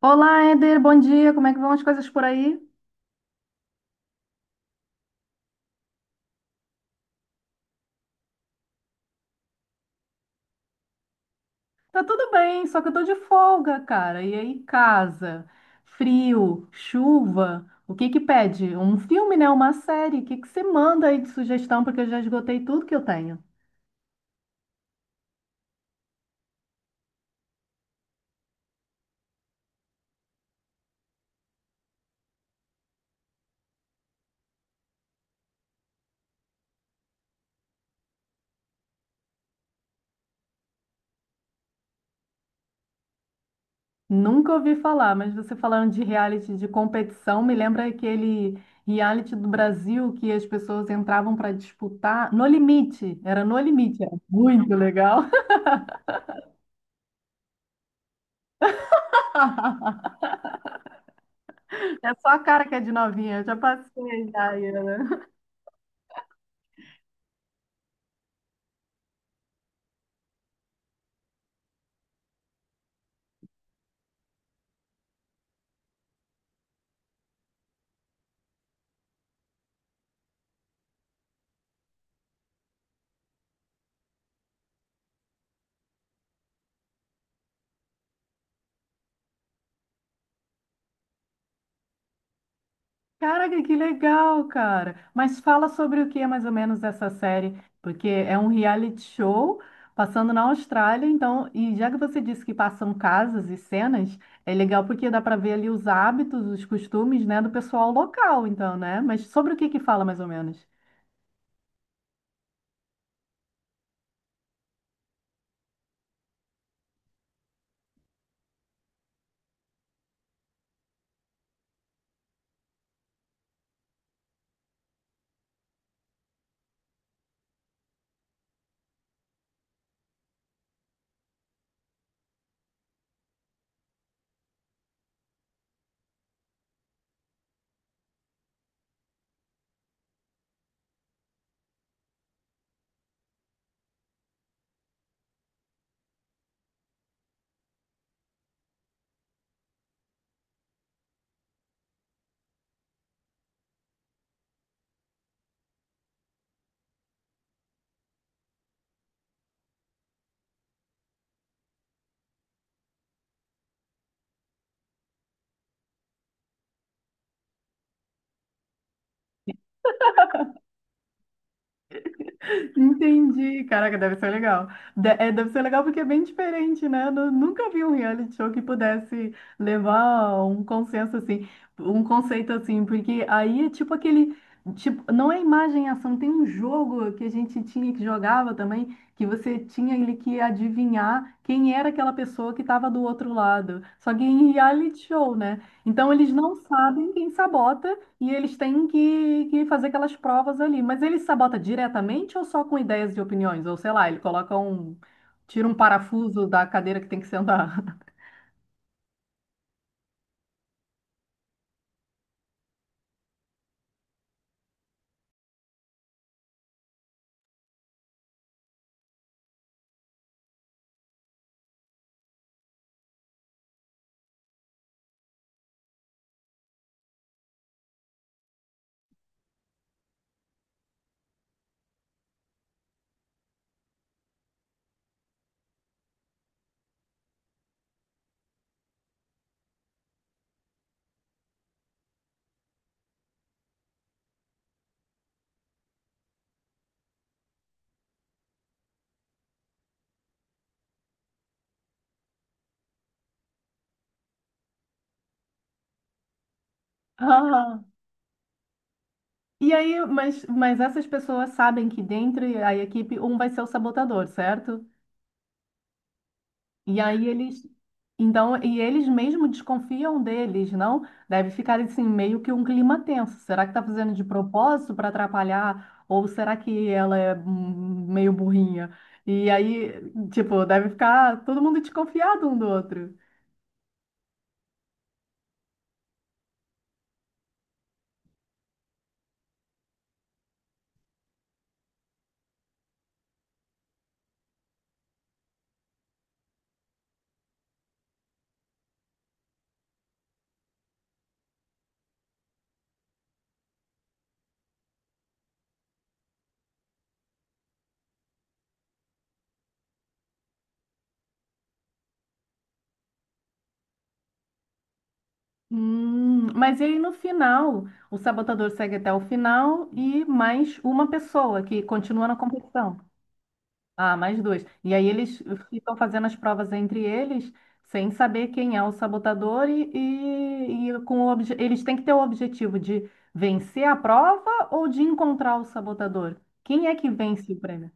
Olá, Éder, bom dia. Como é que vão as coisas por aí? Tá tudo bem, só que eu tô de folga, cara. E aí, casa, frio, chuva, o que que pede? Um filme, né? Uma série? O que que você manda aí de sugestão? Porque eu já esgotei tudo que eu tenho. Nunca ouvi falar, mas você falando de reality de competição, me lembra aquele reality do Brasil que as pessoas entravam para disputar No Limite. Era No Limite, era muito legal. É só a cara que é de novinha, eu já passei já. Iana. Caraca, que legal, cara. Mas fala sobre o que é mais ou menos essa série, porque é um reality show passando na Austrália, então, e já que você disse que passam casas e cenas, é legal porque dá para ver ali os hábitos, os costumes, né, do pessoal local, então, né? Mas sobre o que que fala mais ou menos? Entendi. Caraca, deve ser legal. É, deve ser legal porque é bem diferente, né? Nunca vi um reality show que pudesse levar um consenso assim, um conceito assim, porque aí é tipo aquele, tipo, não é imagem e ação, tem um jogo que a gente tinha que jogava também, que você tinha ele que adivinhar quem era aquela pessoa que estava do outro lado. Só que em reality show, né? Então eles não sabem quem sabota e eles têm que fazer aquelas provas ali. Mas ele sabota diretamente ou só com ideias e opiniões? Ou sei lá, ele coloca um. Tira um parafuso da cadeira que tem que sentar. Ah, e aí, mas essas pessoas sabem que dentro da equipe um vai ser o sabotador, certo? E aí eles, então, e eles mesmo desconfiam deles, não? Deve ficar assim meio que um clima tenso. Será que está fazendo de propósito para atrapalhar ou será que ela é meio burrinha? E aí, tipo, deve ficar todo mundo desconfiado um do outro. Mas aí no final, o sabotador segue até o final e mais uma pessoa que continua na competição. Ah, mais dois. E aí eles ficam fazendo as provas entre eles, sem saber quem é o sabotador e, e com o eles têm que ter o objetivo de vencer a prova ou de encontrar o sabotador. Quem é que vence o prêmio?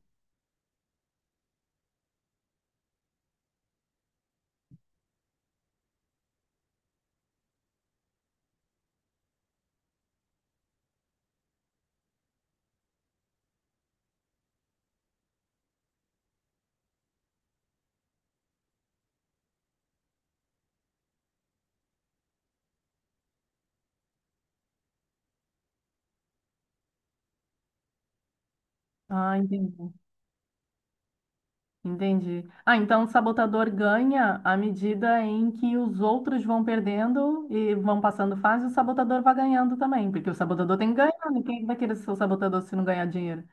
Ah, entendi. Entendi. Ah, então o sabotador ganha à medida em que os outros vão perdendo e vão passando fase, o sabotador vai ganhando também, porque o sabotador tem que ganhar, né? Quem vai querer ser o sabotador se não ganhar dinheiro?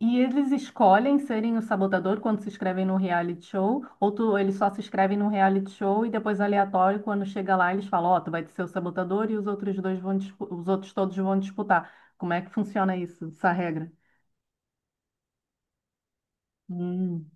E eles escolhem serem o sabotador quando se inscrevem no reality show? Ou tu, eles só se inscrevem no reality show e depois aleatório, quando chega lá, eles falam, ó, tu vai ser o sabotador e os outros dois vão, os outros todos vão disputar. Como é que funciona isso, essa regra? Hum.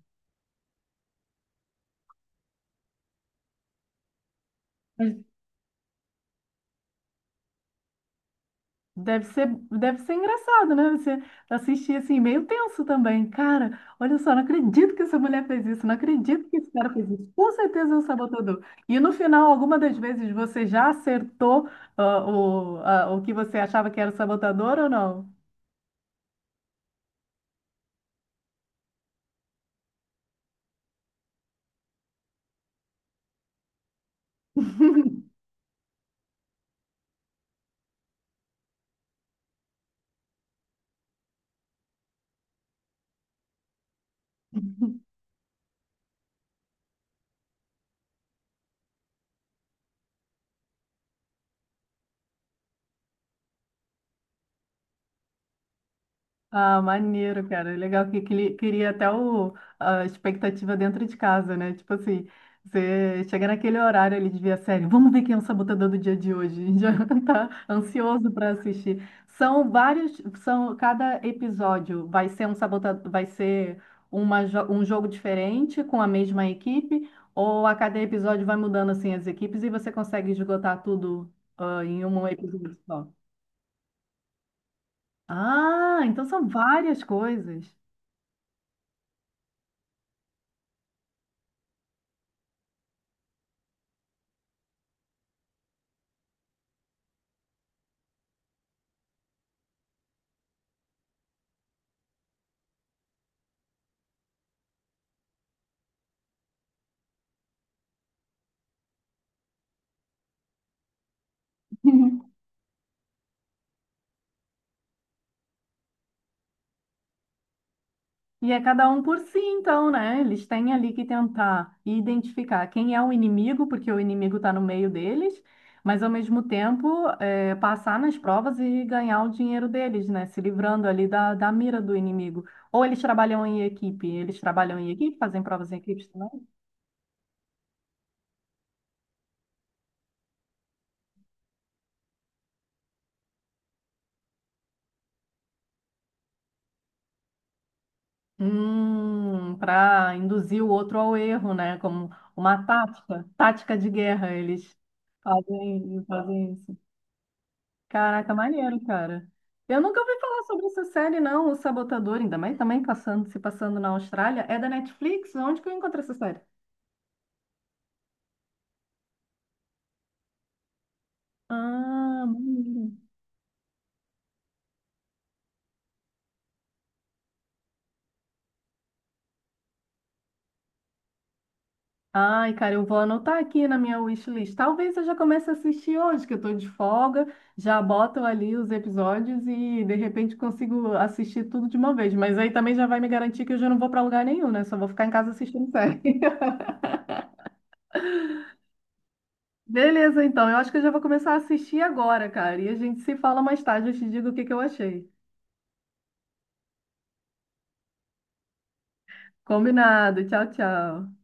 Deve ser engraçado, né? Você assistir assim, meio tenso também. Cara, olha só, não acredito que essa mulher fez isso, não acredito que esse cara fez isso. Com certeza é um sabotador. E no final, alguma das vezes você já acertou o que você achava que era o sabotador ou não? Ah, maneiro, cara. Legal que queria até o, a expectativa dentro de casa, né? Tipo assim, você chega naquele horário ali de ver a série, vamos ver quem é o sabotador do dia de hoje. A gente já tá ansioso para assistir. São vários, são cada episódio vai ser um sabotador, vai ser uma, um jogo diferente com a mesma equipe, ou a cada episódio vai mudando assim as equipes e você consegue esgotar tudo ah, em um episódio só. Ah, então são várias coisas. E é cada um por si, então, né? Eles têm ali que tentar identificar quem é o inimigo, porque o inimigo está no meio deles, mas ao mesmo tempo passar nas provas e ganhar o dinheiro deles, né? Se livrando ali da mira do inimigo. Ou eles trabalham em equipe, eles trabalham em equipe, fazem provas em equipe também? Para induzir o outro ao erro, né? Como uma tática, tática de guerra, eles fazem, fazem isso. Caraca, maneiro, cara. Eu nunca ouvi falar sobre essa série, não, O Sabotador, ainda mais também passando, se passando na Austrália. É da Netflix? Onde que eu encontrei essa série? Ah, maneiro. Ai, cara, eu vou anotar aqui na minha wishlist. Talvez eu já comece a assistir hoje, que eu tô de folga, já boto ali os episódios e de repente consigo assistir tudo de uma vez. Mas aí também já vai me garantir que eu já não vou pra lugar nenhum, né? Só vou ficar em casa assistindo série. Beleza, então. Eu acho que eu já vou começar a assistir agora, cara. E a gente se fala mais tarde. Eu te digo o que que eu achei. Combinado. Tchau, tchau.